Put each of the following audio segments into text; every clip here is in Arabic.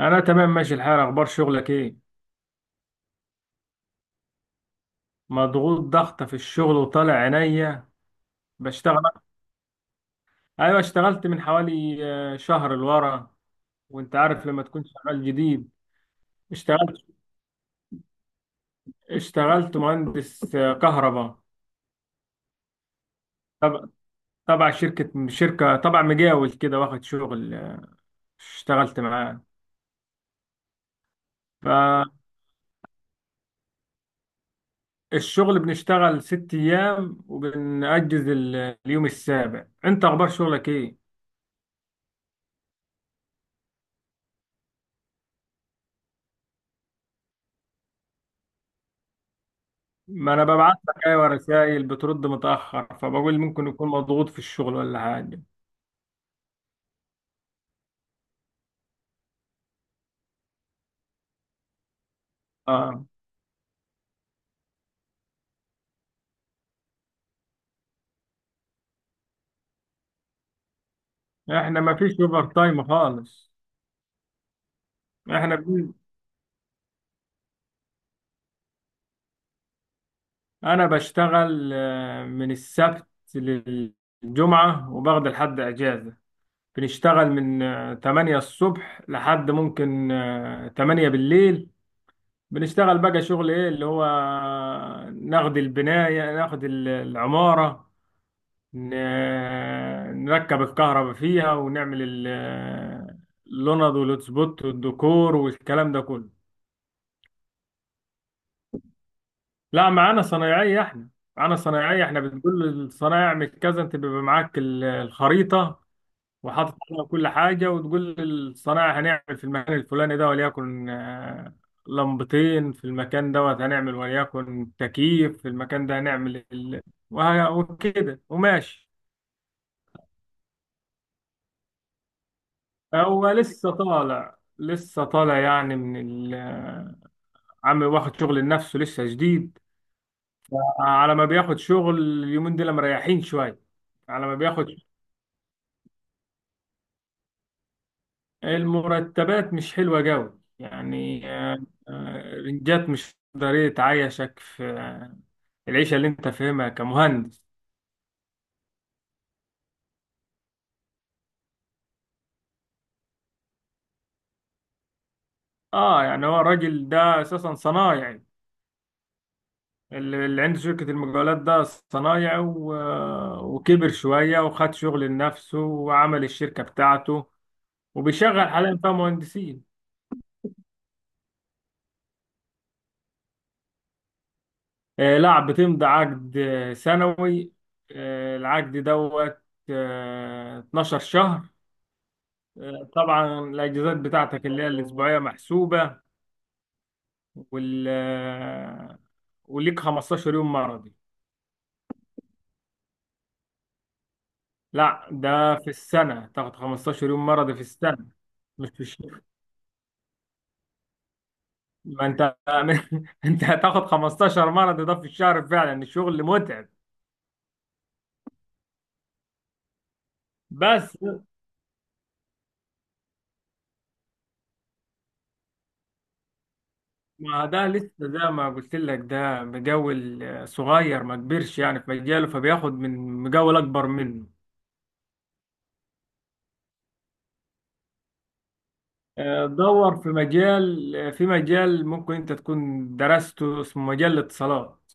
انا تمام، ماشي الحال. اخبار شغلك ايه؟ مضغوط ضغطه في الشغل وطالع عينيا. بشتغل. ايوه اشتغلت من حوالي شهر لورا. وانت عارف لما تكون شغال جديد. اشتغلت اشتغلت مهندس كهرباء. تبع تبع شركه تبع مجاول كده واخد شغل. اشتغلت معاه. فالشغل بنشتغل ست ايام وبنأجز اليوم السابع. انت اخبار شغلك ايه؟ ما انا ببعت لك، ايوه، رسائل بترد متاخر فبقول ممكن يكون مضغوط في الشغل ولا حاجه. اه. احنا ما فيش اوفر تايم خالص. احنا بن... انا بشتغل من السبت للجمعه، وباخد لحد اجازه. بنشتغل من 8 الصبح لحد ممكن 8 بالليل. بنشتغل بقى شغل ايه اللي هو، ناخد البنايه، ناخد العماره. ن- نركب الكهرباء فيها، ونعمل اللوند والهوتسبوت والديكور والكلام ده كله. لا، معانا صنايعية احنا. معانا صنايعية، احنا بنقول للصنايعي اعمل كذا. انت بيبقى معاك الخريطة وحاطط عليها كل حاجة. وتقول للصنايعي هنعمل في المكان الفلاني ده، وليكن لمبتين في المكان دوت هنعمل، وليكن تكييف في المكان ده هنعمل وكده، وماشي. هو لسه طالع، يعني من ال عم، واخد شغل لنفسه لسه جديد. على ما بياخد شغل، اليومين دول مريحين شوية. على ما بياخد، المرتبات مش حلوة جوي يعني. رنجات مش قادر يتعايشك في العيشة اللي انت فاهمها كمهندس. اه، يعني هو الراجل ده اساسا صنايعي. اللي عنده شركة المقاولات ده صنايعي، وكبر شوية وخد شغل لنفسه وعمل الشركة بتاعته. وبيشغل حاليا فيها مهندسين. لا، بتمضي عقد سنوي. العقد دوت 12 شهر. طبعا الاجازات بتاعتك اللي هي الاسبوعيه محسوبه، وال آه، وليك 15 يوم مرضي. لا، ده في السنه. تاخد 15 يوم مرضي في السنه. مش في الشهر. ما انت انت هتاخد 15 مرضي ده في الشهر؟ فعلا الشغل متعب. بس. ما ده لسه زي ما قلت لك، ده مجاول صغير، ما كبرش يعني في مجاله، فبياخد من مجاول اكبر منه. دور في مجال. ممكن انت تكون درسته، اسمه مجال الاتصالات.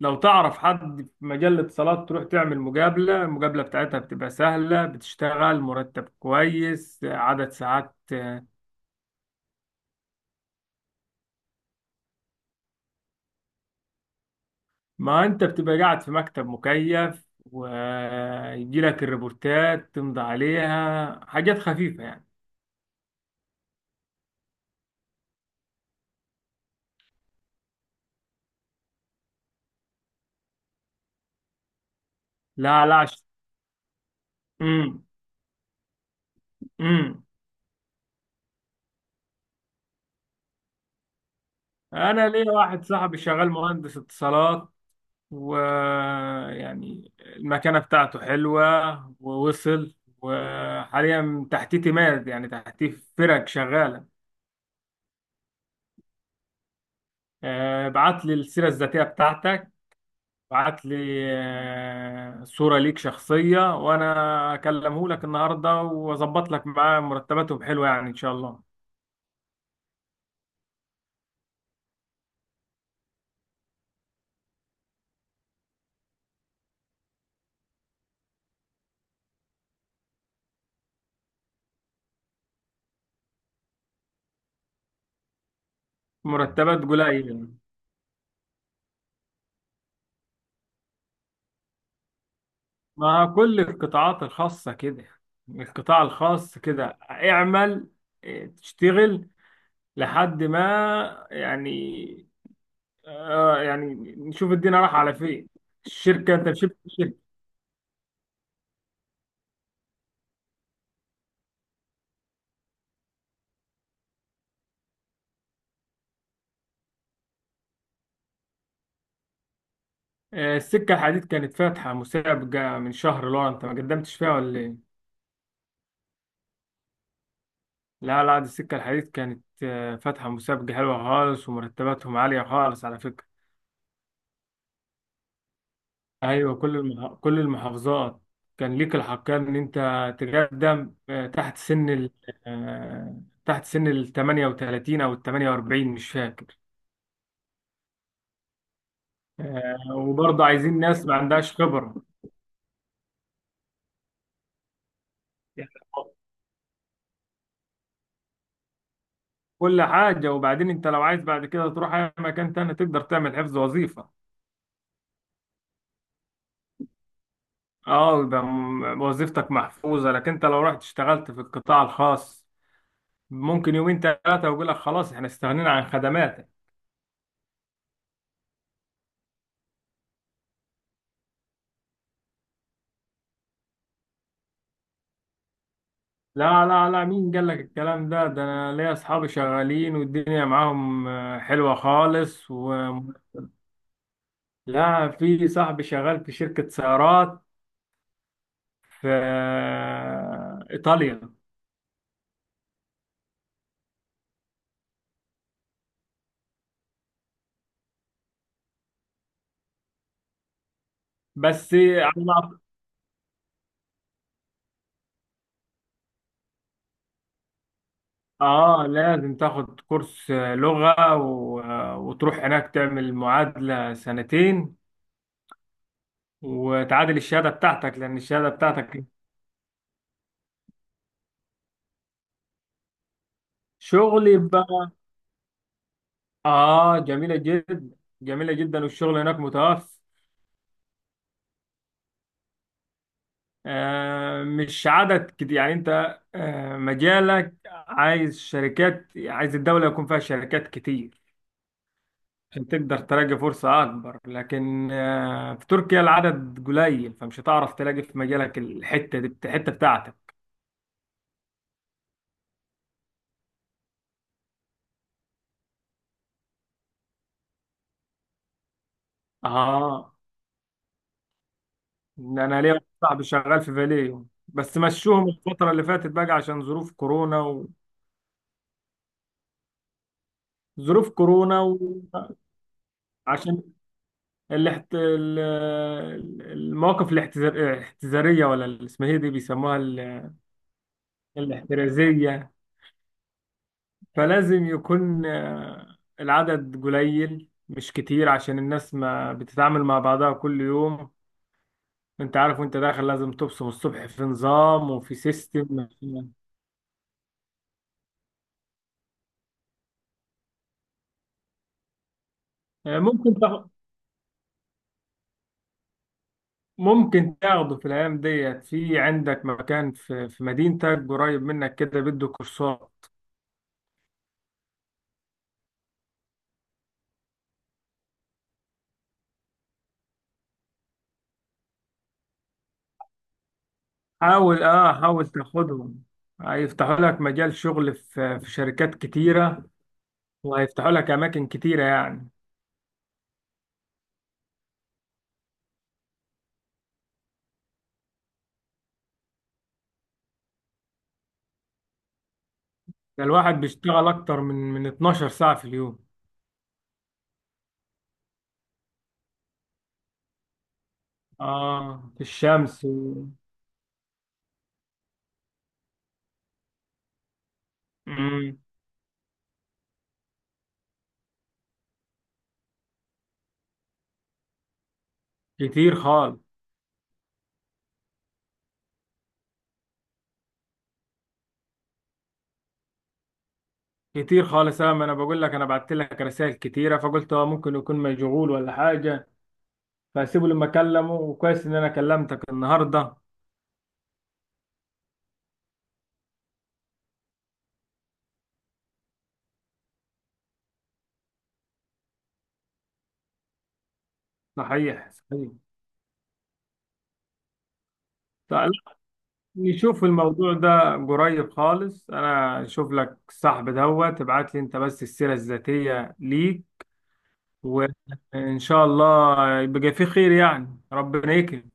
لو تعرف حد في مجال الاتصالات تروح تعمل المقابلة بتاعتها بتبقى سهلة، بتشتغل مرتب كويس، عدد ساعات. ما انت بتبقى قاعد في مكتب مكيف، ويجي لك الريبورتات تمضي عليها، حاجات خفيفة يعني. لا، لا. امم امم انا ليا واحد صاحبي شغال مهندس اتصالات، ويعني المكانه بتاعته حلوه. ووصل. وحاليا تحتيه تيمات، يعني تحتيه فرق شغاله. بعت لي السيره الذاتيه بتاعتك. بعت لي صوره ليك شخصيه، وانا اكلمه لك النهارده واظبط لك معاه. مرتباتهم حلوه يعني ان شاء الله. مرتبات قليله مع كل القطاعات الخاصة كده. القطاع الخاص كده اعمل. اه، تشتغل لحد ما يعني يعني نشوف الدنيا رايحة على فين. الشركة، انت مشيت في الشركة. السكة الحديد كانت فاتحة مسابقة من شهر لورا، انت ما قدمتش فيها ولا ايه؟ لا لا، دي السكة الحديد كانت فاتحة مسابقة حلوة خالص، ومرتباتهم عالية خالص على فكرة. ايوه كل كل المحافظات. كان ليك الحقية ان انت تقدم تحت سن تحت سن ال 38 او ال 48، مش فاكر. وبرضه عايزين ناس ما عندهاش خبرة. يعني كل حاجة. وبعدين انت لو عايز بعد كده تروح اي مكان تاني تقدر تعمل حفظ وظيفة. اه يبقى وظيفتك محفوظة. لكن انت لو رحت اشتغلت في القطاع الخاص، ممكن يومين ثلاثة ويقول لك خلاص احنا استغنينا عن خدماتك. لا لا لا، مين قال لك الكلام ده؟ ده انا ليا اصحابي شغالين والدنيا معاهم حلوة خالص. لا، في صاحبي شغال في شركة سيارات في ايطاليا. بس على- اه، لازم تاخد كورس لغة وتروح هناك تعمل معادلة سنتين، وتعادل الشهادة بتاعتك لان الشهادة بتاعتك شغل يبقى. اه، جميلة جدا. جميلة جدا، والشغل هناك متوفر. مش عدد كتير يعني. انت مجالك عايز شركات، عايز الدولة يكون فيها شركات كتير عشان تقدر تلاقي فرصة أكبر. لكن في تركيا العدد قليل، فمش هتعرف تلاقي في مجالك، الحتة دي الحتة بتاعتك. اه. إن أنا ليا واحد صاحبي شغال في فاليو، بس مشوهم الفترة اللي فاتت بقى عشان ظروف كورونا. وظروف كورونا وعشان الاحت... ال- المواقف الاحتزارية، ولا اللي اسمها ايه، دي بيسموها الاحترازية. فلازم يكون العدد قليل مش كتير، عشان الناس ما بتتعامل مع بعضها كل يوم. انت عارف وانت داخل لازم تبصم الصبح في نظام وفي سيستم. آه، ممكن تاخد ممكن تاخده في الايام ديت. في عندك مكان في مدينتك قريب منك كده بيدوا كورسات. حاول، حاول تاخدهم. هيفتحوا لك مجال شغل في شركات كتيرة، وهيفتحوا لك اماكن كتيرة يعني. ده الواحد بيشتغل اكتر من 12 ساعة في اليوم. اه، في الشمس. مم. كتير خالص. كتير خالص، ما انا بقول لك، انا بعت لك رسائل كتيرة فقلت هو ممكن يكون مشغول ولا حاجة، فاسيبه لما اكلمه. وكويس ان انا كلمتك النهاردة. صحيح صحيح. نشوف الموضوع ده قريب خالص. انا اشوف لك الصاحب دوت، تبعت لي انت بس السيرة الذاتية ليك، وان شاء الله يبقى في خير يعني، ربنا يكرم.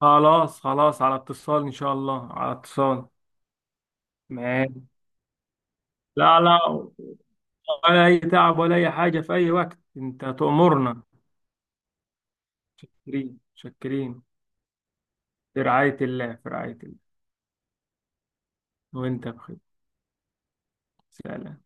خلاص خلاص، على اتصال ان شاء الله، على اتصال. معاك. لا لا، ولا اي تعب ولا اي حاجة، في اي وقت انت تؤمرنا. شكرين شكرين. في رعاية الله، في رعاية الله. وانت بخير. سلام.